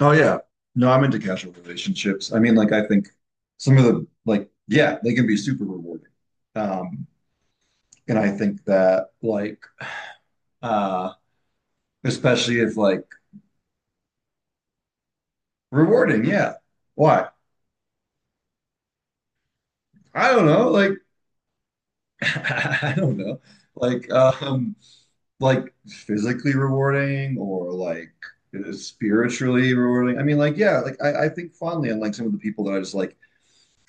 Oh yeah. No, I'm into casual relationships. I mean, like I think some of the like yeah, they can be super rewarding. Um, and I think that like uh especially if like rewarding, yeah. Why? I don't know, like I don't know. Like um like physically rewarding or like spiritually rewarding. I mean, like yeah, like I think fondly on like some of the people that I just like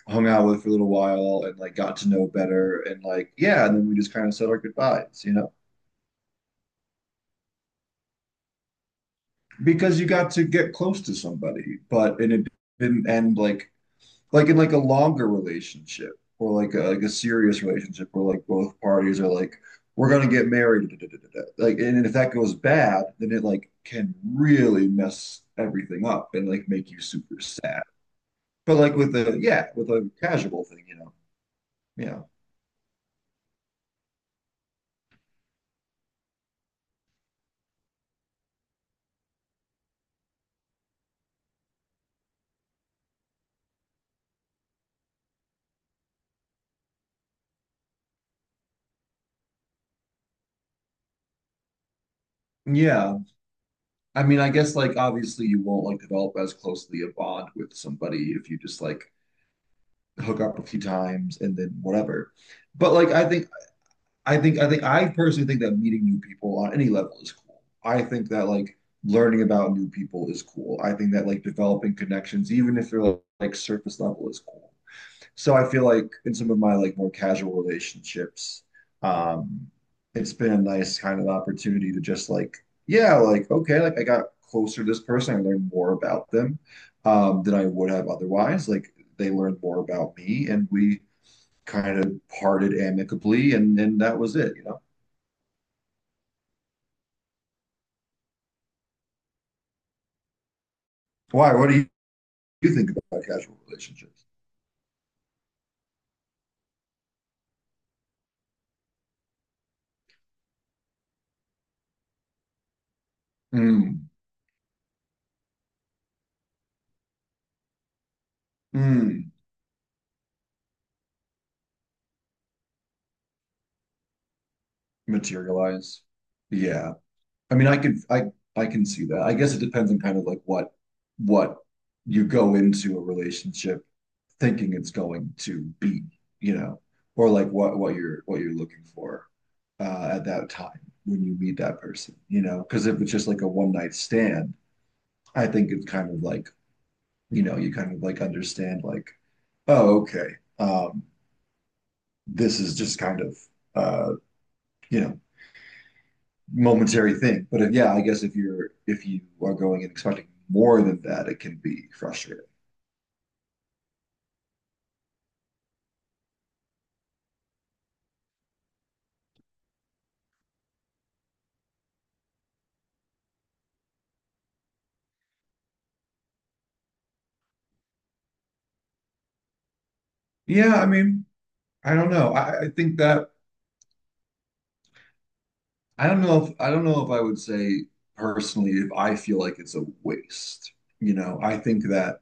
hung out with for a little while and like got to know better and like yeah and then we just kind of said our goodbyes, you know, because you got to get close to somebody but and it didn't end like in like a longer relationship or like like a serious relationship where like both parties are like we're gonna get married da, da, da, da, da. Like and if that goes bad then it like can really mess everything up and like make you super sad but like with the yeah with a casual thing, you know. Yeah, yeah, I mean, I guess like obviously you won't like develop as closely a bond with somebody if you just like hook up a few times and then whatever. But like I think I personally think that meeting new people on any level is cool. I think that like learning about new people is cool. I think that like developing connections, even if they're like surface level, is cool. So I feel like in some of my like more casual relationships, um, it's been a nice kind of opportunity to just like, yeah, like okay, like I got closer to this person, I learned more about them than I would have otherwise. Like they learned more about me, and we kind of parted amicably, and that was it, you know. Why? You think about casual relationships? Mm, mm, materialize. Yeah. I mean, I can see that. I guess it depends on kind of like what you go into a relationship thinking it's going to be, you know, or like what you're looking for at that time when you meet that person, you know, because if it's just like a one night stand, I think it's kind of like, you know, you kind of like understand like, oh, okay, um, this is just kind of, uh, you know, momentary thing. But if, yeah, I guess if you are going and expecting more than that, it can be frustrating. Yeah, I mean, I don't know. I think that I don't know if I would say personally if I feel like it's a waste. You know,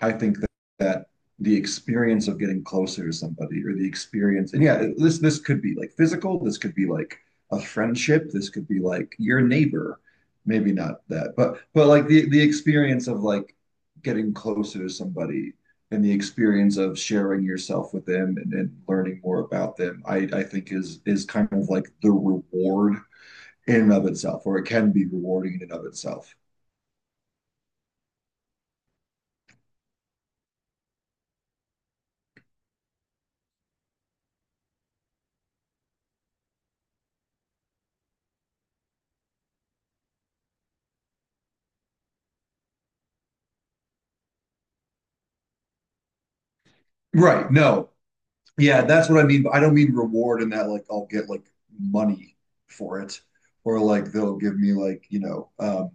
I think that, that the experience of getting closer to somebody or the experience, and yeah, this could be like physical, this could be like a friendship, this could be like your neighbor, maybe not that, but like the experience of like getting closer to somebody and the experience of sharing yourself with them and learning more about them, I think is kind of like the reward in and of itself, or it can be rewarding in and of itself. Right. No, yeah, that's what I mean. But I don't mean reward in that like I'll get like money for it or like they'll give me like, you know,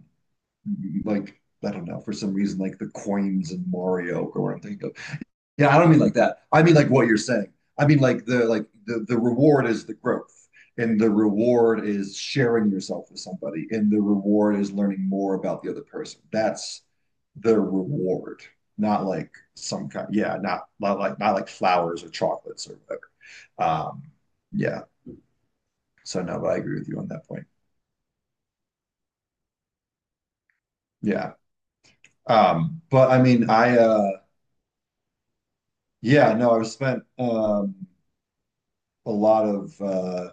like I don't know, for some reason like the coins in Mario or what I'm thinking of. Yeah, I don't mean like that. I mean like what you're saying. I mean like the reward is the growth and the reward is sharing yourself with somebody and the reward is learning more about the other person. That's the reward, not like some kind, yeah, not like flowers or chocolates or um, yeah. So no, but I agree with you on that point. Yeah. But I mean, I yeah, no, I've spent a lot of uh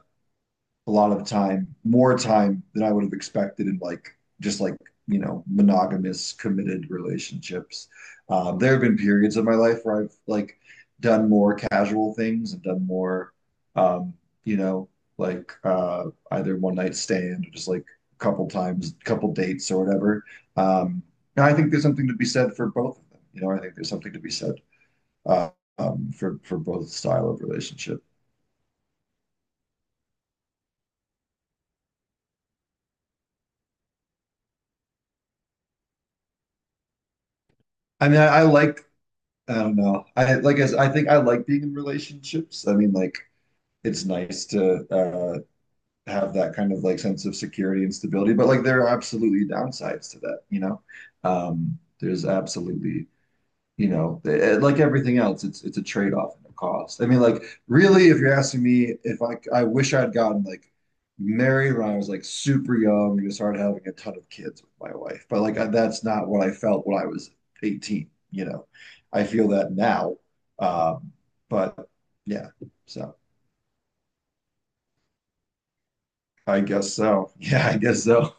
a lot of the time, more time than I would have expected in like just like, you know, monogamous committed relationships. There have been periods of my life where I've like done more casual things and done more, um, you know, like either one night stand or just like a couple times, couple dates or whatever. Um, and I think there's something to be said for both of them. You know, I think there's something to be said uh, for both style of relationship. I mean, I like I don't know. I like as I think I like being in relationships. I mean, like it's nice to have that kind of like sense of security and stability, but like there are absolutely downsides to that, you know? There's absolutely, you know, eh, eh, like everything else, it's a trade-off and a cost. I mean, like really, if you're asking me if I wish I'd gotten like married when I was like super young and just started having a ton of kids with my wife, but like I, that's not what I felt when I was 18. You know, I feel that now, um, but yeah, so I guess so. Yeah, I guess so.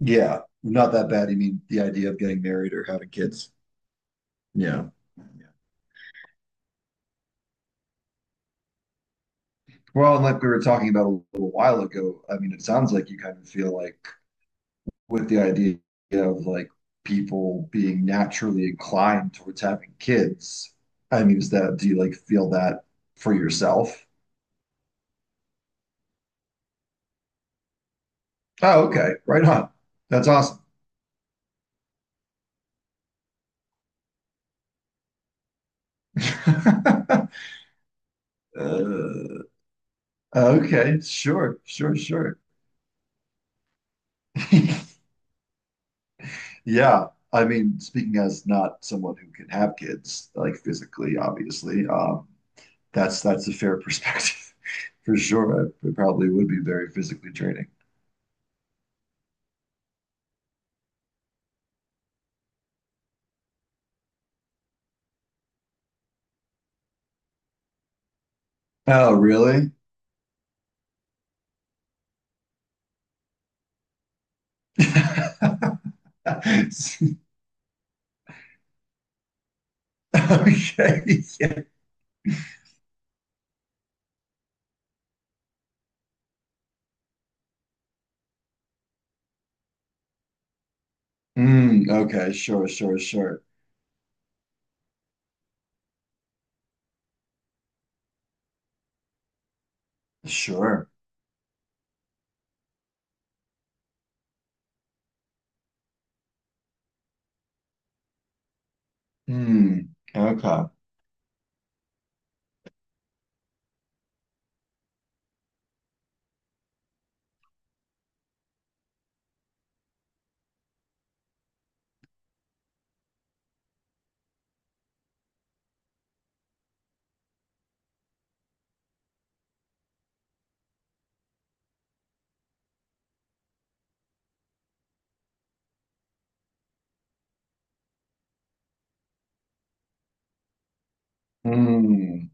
Yeah, not that bad. You mean the idea of getting married or having kids? Yeah. Yeah. Well, and like we were talking about a little while ago, I mean, it sounds like you kind of feel like with the idea of like people being naturally inclined towards having kids. I mean, is that, do you like feel that for yourself? Oh, okay. Right on. That's awesome. Uh, okay, sure, sure, sure. Yeah. I mean, speaking as not someone who can have kids, like physically, obviously, that's a fair perspective for sure. It probably would be very physically draining. Oh, really? Okay. Yeah. Mm, okay, sure, sure, sure. Sure. Mm, okay. Mm,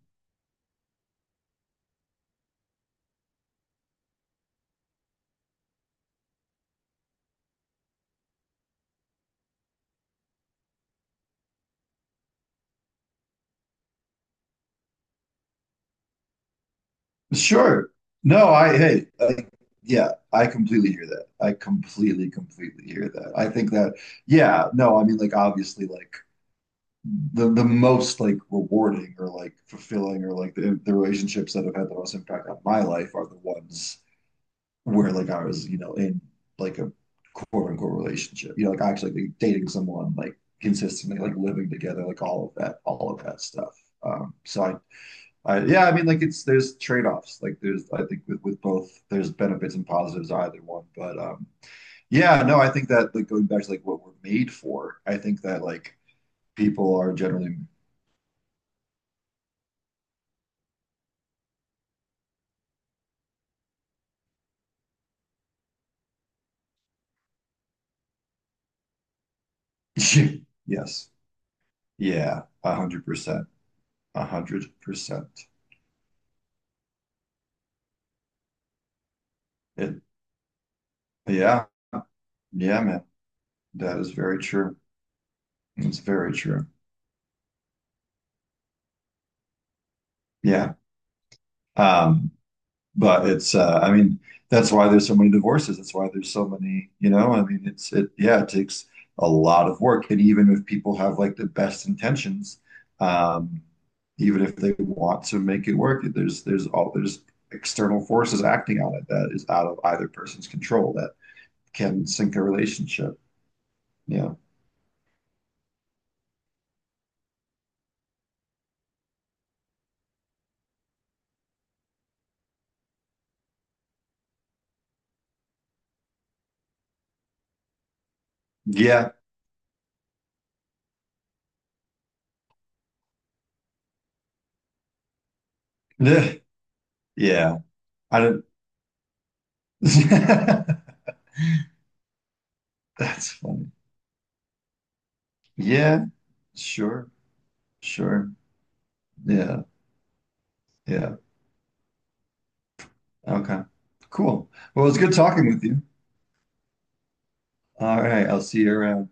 sure. No, I, hey, like, yeah, I completely hear that. I completely, completely hear that. I think that, yeah, no, I mean, like, obviously, like, the most like rewarding or like fulfilling or like the relationships that have had the most impact on my life are the ones where like I was, you know, in like a quote unquote relationship. You know, like actually like, dating someone, like consistently, like living together, like all of that stuff. So I yeah, I mean like it's there's trade-offs. Like there's I think with both there's benefits and positives either one. But yeah, no, I think that like going back to like what we're made for, I think that like people are generally Yes. Yeah. 100%. 100%. It. Yeah. Yeah, man. That is very true. It's very true. Yeah. Um, but it's I mean, that's why there's so many divorces. That's why there's so many, you know, I mean it's it yeah, it takes a lot of work. And even if people have like the best intentions, um, even if they want to make it work, there's external forces acting on it that is out of either person's control. Can sink a relationship. Yeah. Yeah. Ugh. Yeah. I don't. That's funny. Yeah. Sure. Sure. Yeah. Yeah. Okay. Cool. Well, it's good talking with you. All right. I'll see you around.